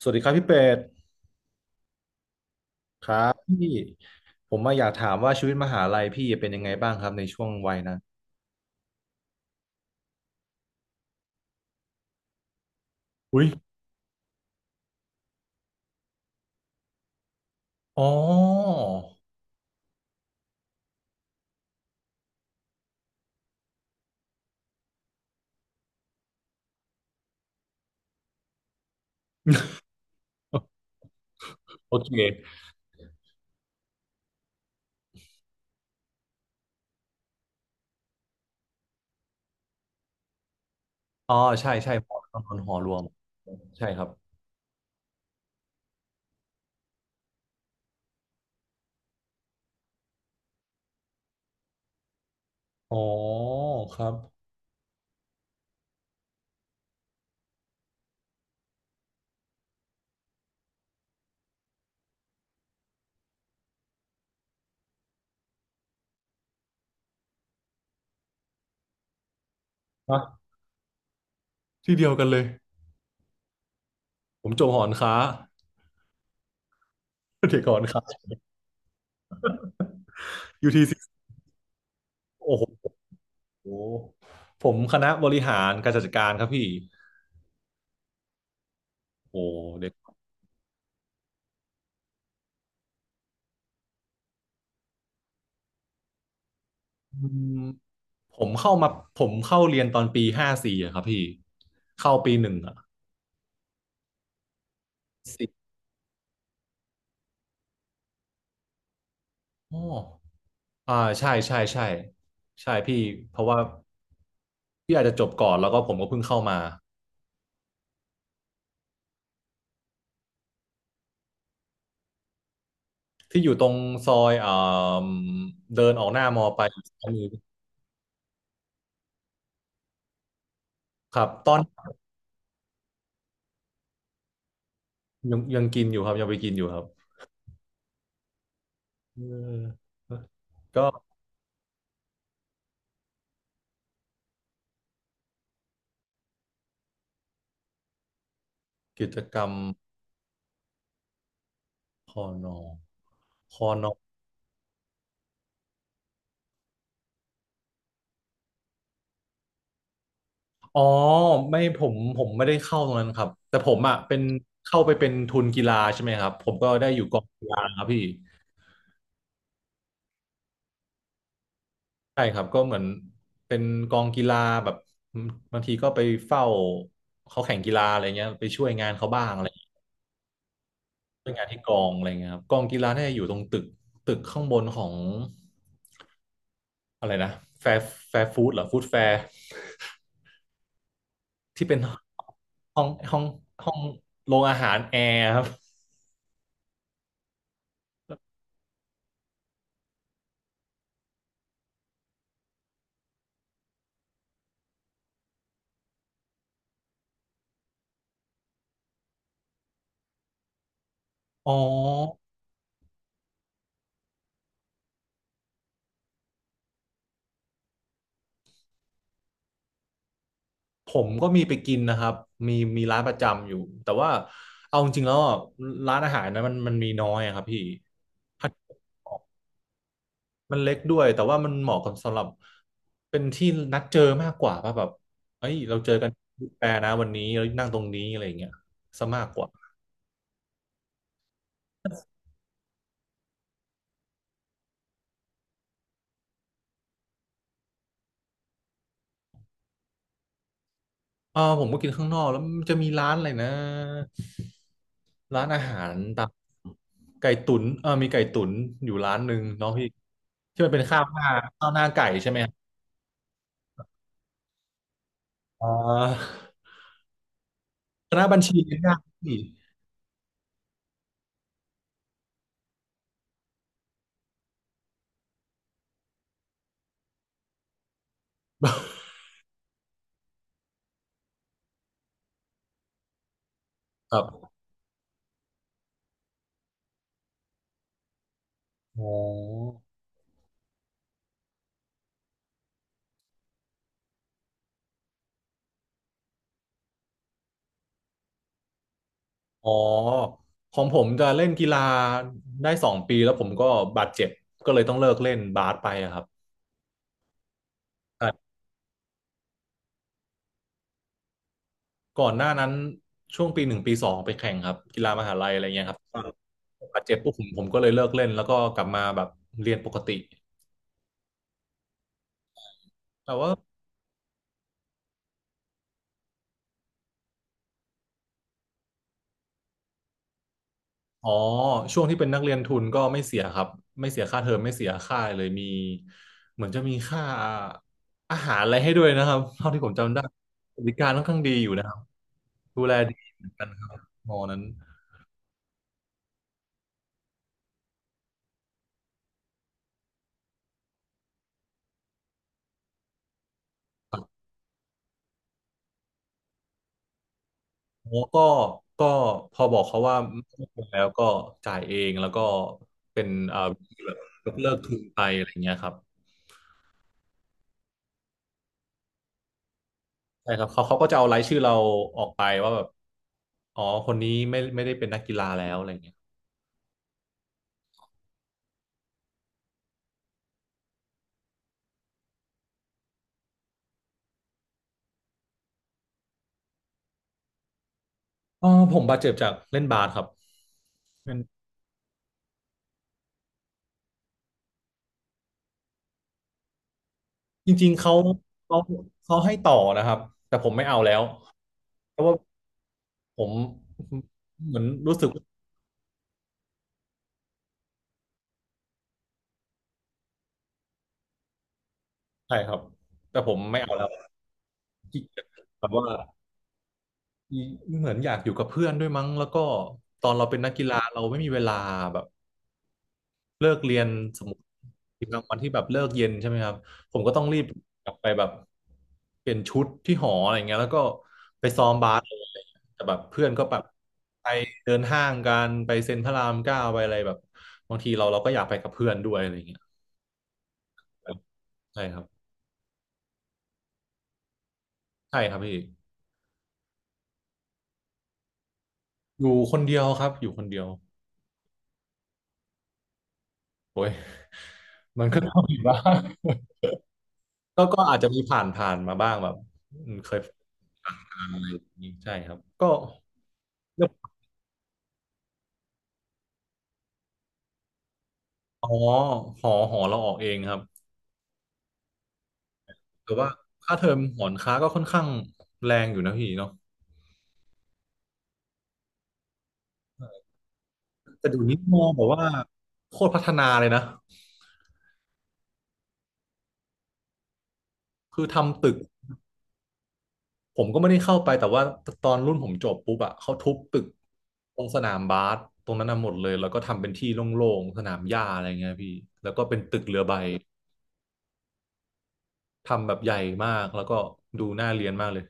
สวัสดีครับพี่เป็ดครับพี่ผมมาอยากถามว่าชีวิตมหาลัยพี่เป็นยังไงบ้างครับในช่วงวัยนะอุ้ยอ๋อ โอเคอ๋อใช่ใช่หอตองนอนหอรวมใช่ครับอ๋อครับอ่ะที่เดียวกันเลย ผมจบหอนค้า เด็กหอนค้า UTC โอ้โหผมคณะบริหารการจัดการครับพี่โอ้เด็กอืมผมเข้ามาผมเข้าเรียนตอนปี 54อะครับพี่ เข้าปี 1อะ สิบอ๋ออ่าใช่ใช่ใช่ใช่พี่เพราะว่าพี่อาจจะจบก่อนแล้วก็ผมก็เพิ่งเข้ามาที่อยู่ตรงซอยเอ่มเดินออกหน้ามอไปซ้ายมือครับตอนยังกินอยู่ครับยังไปกินอยู่ครับเออก็กิจกรรมคอนอคอนออ๋อไม่ผมไม่ได้เข้าตรงนั้นครับแต่ผมอ่ะเป็นเข้าไปเป็นทุนกีฬาใช่ไหมครับผมก็ได้อยู่กองกีฬาครับพี่ ใช่ครับก็เหมือนเป็นกองกีฬาแบบบางทีก็ไปเฝ้าเขาแข่งกีฬาอะไรเงี้ยไปช่วยงานเขาบ้างอะไรเงี้ยช่วยงานที่กองอะไรเงี้ยครับกองกีฬาเนี่ยอยู่ตรงตึกข้างบนของอะไรนะแฟร์แฟร์ฟู้ดเหรอฟู้ดแฟร์ที่เป็นห้องห้องห้องโรงอาหารแอร์ครับอ๋อผมก็มีไปกินนะครับมีมีร้านประจำอยู่แต่ว่าเอาจริงๆแล้วอ่ะร้านอาหารนะมันมีน้อยอะครับพี่ มันเล็กด้วยแต่ว่ามันเหมาะกับสำหรับเป็นที่นัดเจอมากกว่าป่ะแบบเอ้ยเราเจอกันที่แปรนะวันนี้เรานั่งตรงนี้อะไรอย่างเงี้ยซะมากกว่าผมก็กินข้างนอกแล้วมันจะมีร้านอะไรนะร้านอาหารตามไก่ตุ๋นเออมีไก่ตุ๋นอยู่ร้านหนึ่งเนาะพี่ที่มันเป็นข้าวหน้าข้าวหน้าไก่ใช่ไหมัอ่าคณะบัญชีเนี่ยยากพี่ครับอ๋อ อ๋อของผมจะเล่นกีฬาได้2 ปีแล้วผมก็บาดเจ็บก็เลยต้องเลิกเล่นบาสไปอะครับต่ก่อนหน้านั้นช่วงปี 1 ปี 2ไปแข่งครับกีฬามหาลัยอะไรเงี้ยครับบาดเจ็บปุ๊บผมก็เลยเลิกเล่นแล้วก็กลับมาแบบเรียนปกติแต่ว่าอ๋อช่วงที่เป็นนักเรียนทุนก็ไม่เสียครับไม่เสียค่าเทอมไม่เสียค่าอะไรเลยมีเหมือนจะมีค่าอาหารอะไรให้ด้วยนะครับเท่าที่ผมจำได้บริการค่อนข้างดีอยู่นะครับดูแลดีเหมือนกันครับมอนั้น แล้ก็ก็พอบอกเขาว่าไม่เอาแล้วก็จ่ายเองแล้วก็เป็นแบบยกเลิกทุนไปอะไรเงี้ยครับใช่ครับเขาก็จะเอารายชื่อเราออกไปว่าแบบอ๋อคนนี้ไม่ได้เป็นนักกีฬาแล้วอะไรเงี้ยเออผมบาดเจ็บจากเล่นบาสครับเป็นจริงๆเขาเขาให้ต่อนะครับแต่ผมไม่เอาแล้วเพราะว่าผมเหมือนรู้สึกว่าใช่ครับ แต่ผมไม่เอาแล้วขี้เกียจแบบว่า เหมือนอยากอยู่กับเพื่อนด้วยมั้งแล้วก็ตอนเราเป็นนักกีฬาเราไม่มีเวลาแบบเลิกเรียนสมมติทีมกลางวันที่แบบเลิกเย็นใช่ไหมครับผมก็ต้องรีบกลับไปแบบเปลี่ยนชุดที่หออะไรเงี้ยแล้วก็ไปซ้อมบาสเลยอะไรเงี้ยแต่แบบเพื่อนก็แบบไปเดินห้างกันไปเซ็นพระราม 9ไปอะไรแบบบางทีเราเราก็อยากไปกับเพื่อนด้วยอะไรเงี้ยใช่ครับใช่ครับพี่อยู่คนเดียวครับอยู่คนเดียวโอ้ยมันก็ต้องอยู่บ้าง ก็อาจจะมีผ่านมาบ้างแบบเคยใช่ครับก็เรื่องอ๋อหอเราออกเองครับแต่ว่าค่าเทอมหอนค้าก็ค่อนข้างแรงอยู่นะพี่เนาะแต่เดี๋ยวนี้มองแบบว่าโคตรพัฒนาเลยนะคือทำตึกผมก็ไม่ได้เข้าไปแต่ว่าตอนรุ่นผมจบปุ๊บอะเขาทุบตึกตรงสนามบาสตรงนั้นน่ะหมดเลยแล้วก็ทำเป็นที่โล่งๆสนามหญ้าอะไรเงี้ยพี่แล้วก็เป็นตึกเรือใบทำแบบใหญ่มากแล้วก็ดูน่าเรียนมากเลย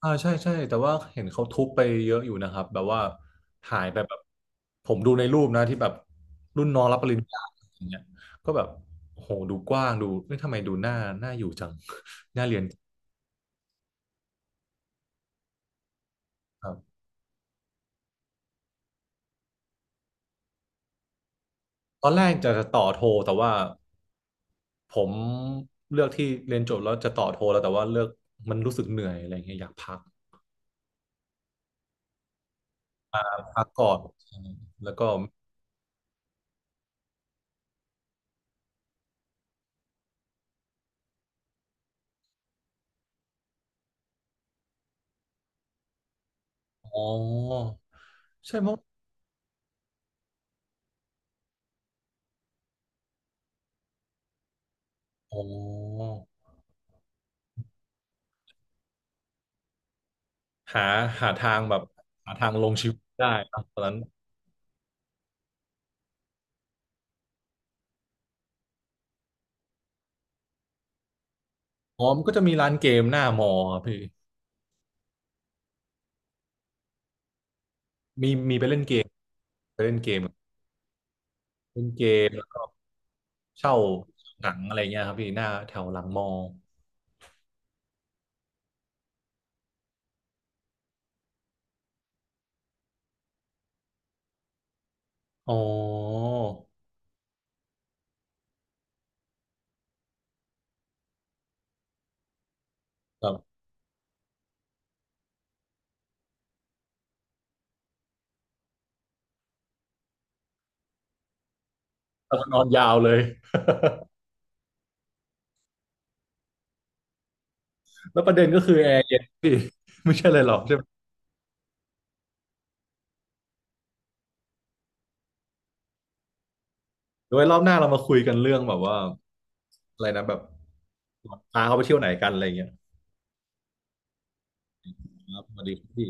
อ่าใช่ใช่แต่ว่าเห็นเขาทุบไปเยอะอยู่นะครับแบบว่าหายไปแบบผมดูในรูปนะที่แบบรุ่นน้องรับปริญญาอย่างเงี้ยก็แบบโอ้โหดูกว้างดูไม่ทำไมดูหน้าอยู่จัง น่าเรียนครับตอนแรกจะต่อโทแต่ว่าผมเลือกที่เรียนจบแล้วจะต่อโทแล้วแต่ว่าเลือกมันรู้สึกเหนื่อยอะไรเงี้ยอยากพักพักก่อนใช่แล้วก็อ๋อใช่มั้งอ๋อหาหาทางแบบหาทางลงชีวิตได้นะตอนนั้น อ๋อมันก็จะมีร้านเกมหน้ามอครับพี่มีไปเล่นเกมไปเล่นเกมเล่นเกมแล้วก็เช่าหนังอะไรเงี้ยครับพี่หน้าแถวหลังมออ๋อแบบนอนยาวเลย แล้วประเด็นก็คือแอร์เย็นพี่ ไม่ใช่เลยหรอกใช่ไหมเดี๋ยวไว้รอบหน้าเรามาคุยกันเรื่องแบบว่าอะไรนะแบบพาเขาไปเที่ยวไหนกันอะไรเงี้ยครับสวัสดีครับพี่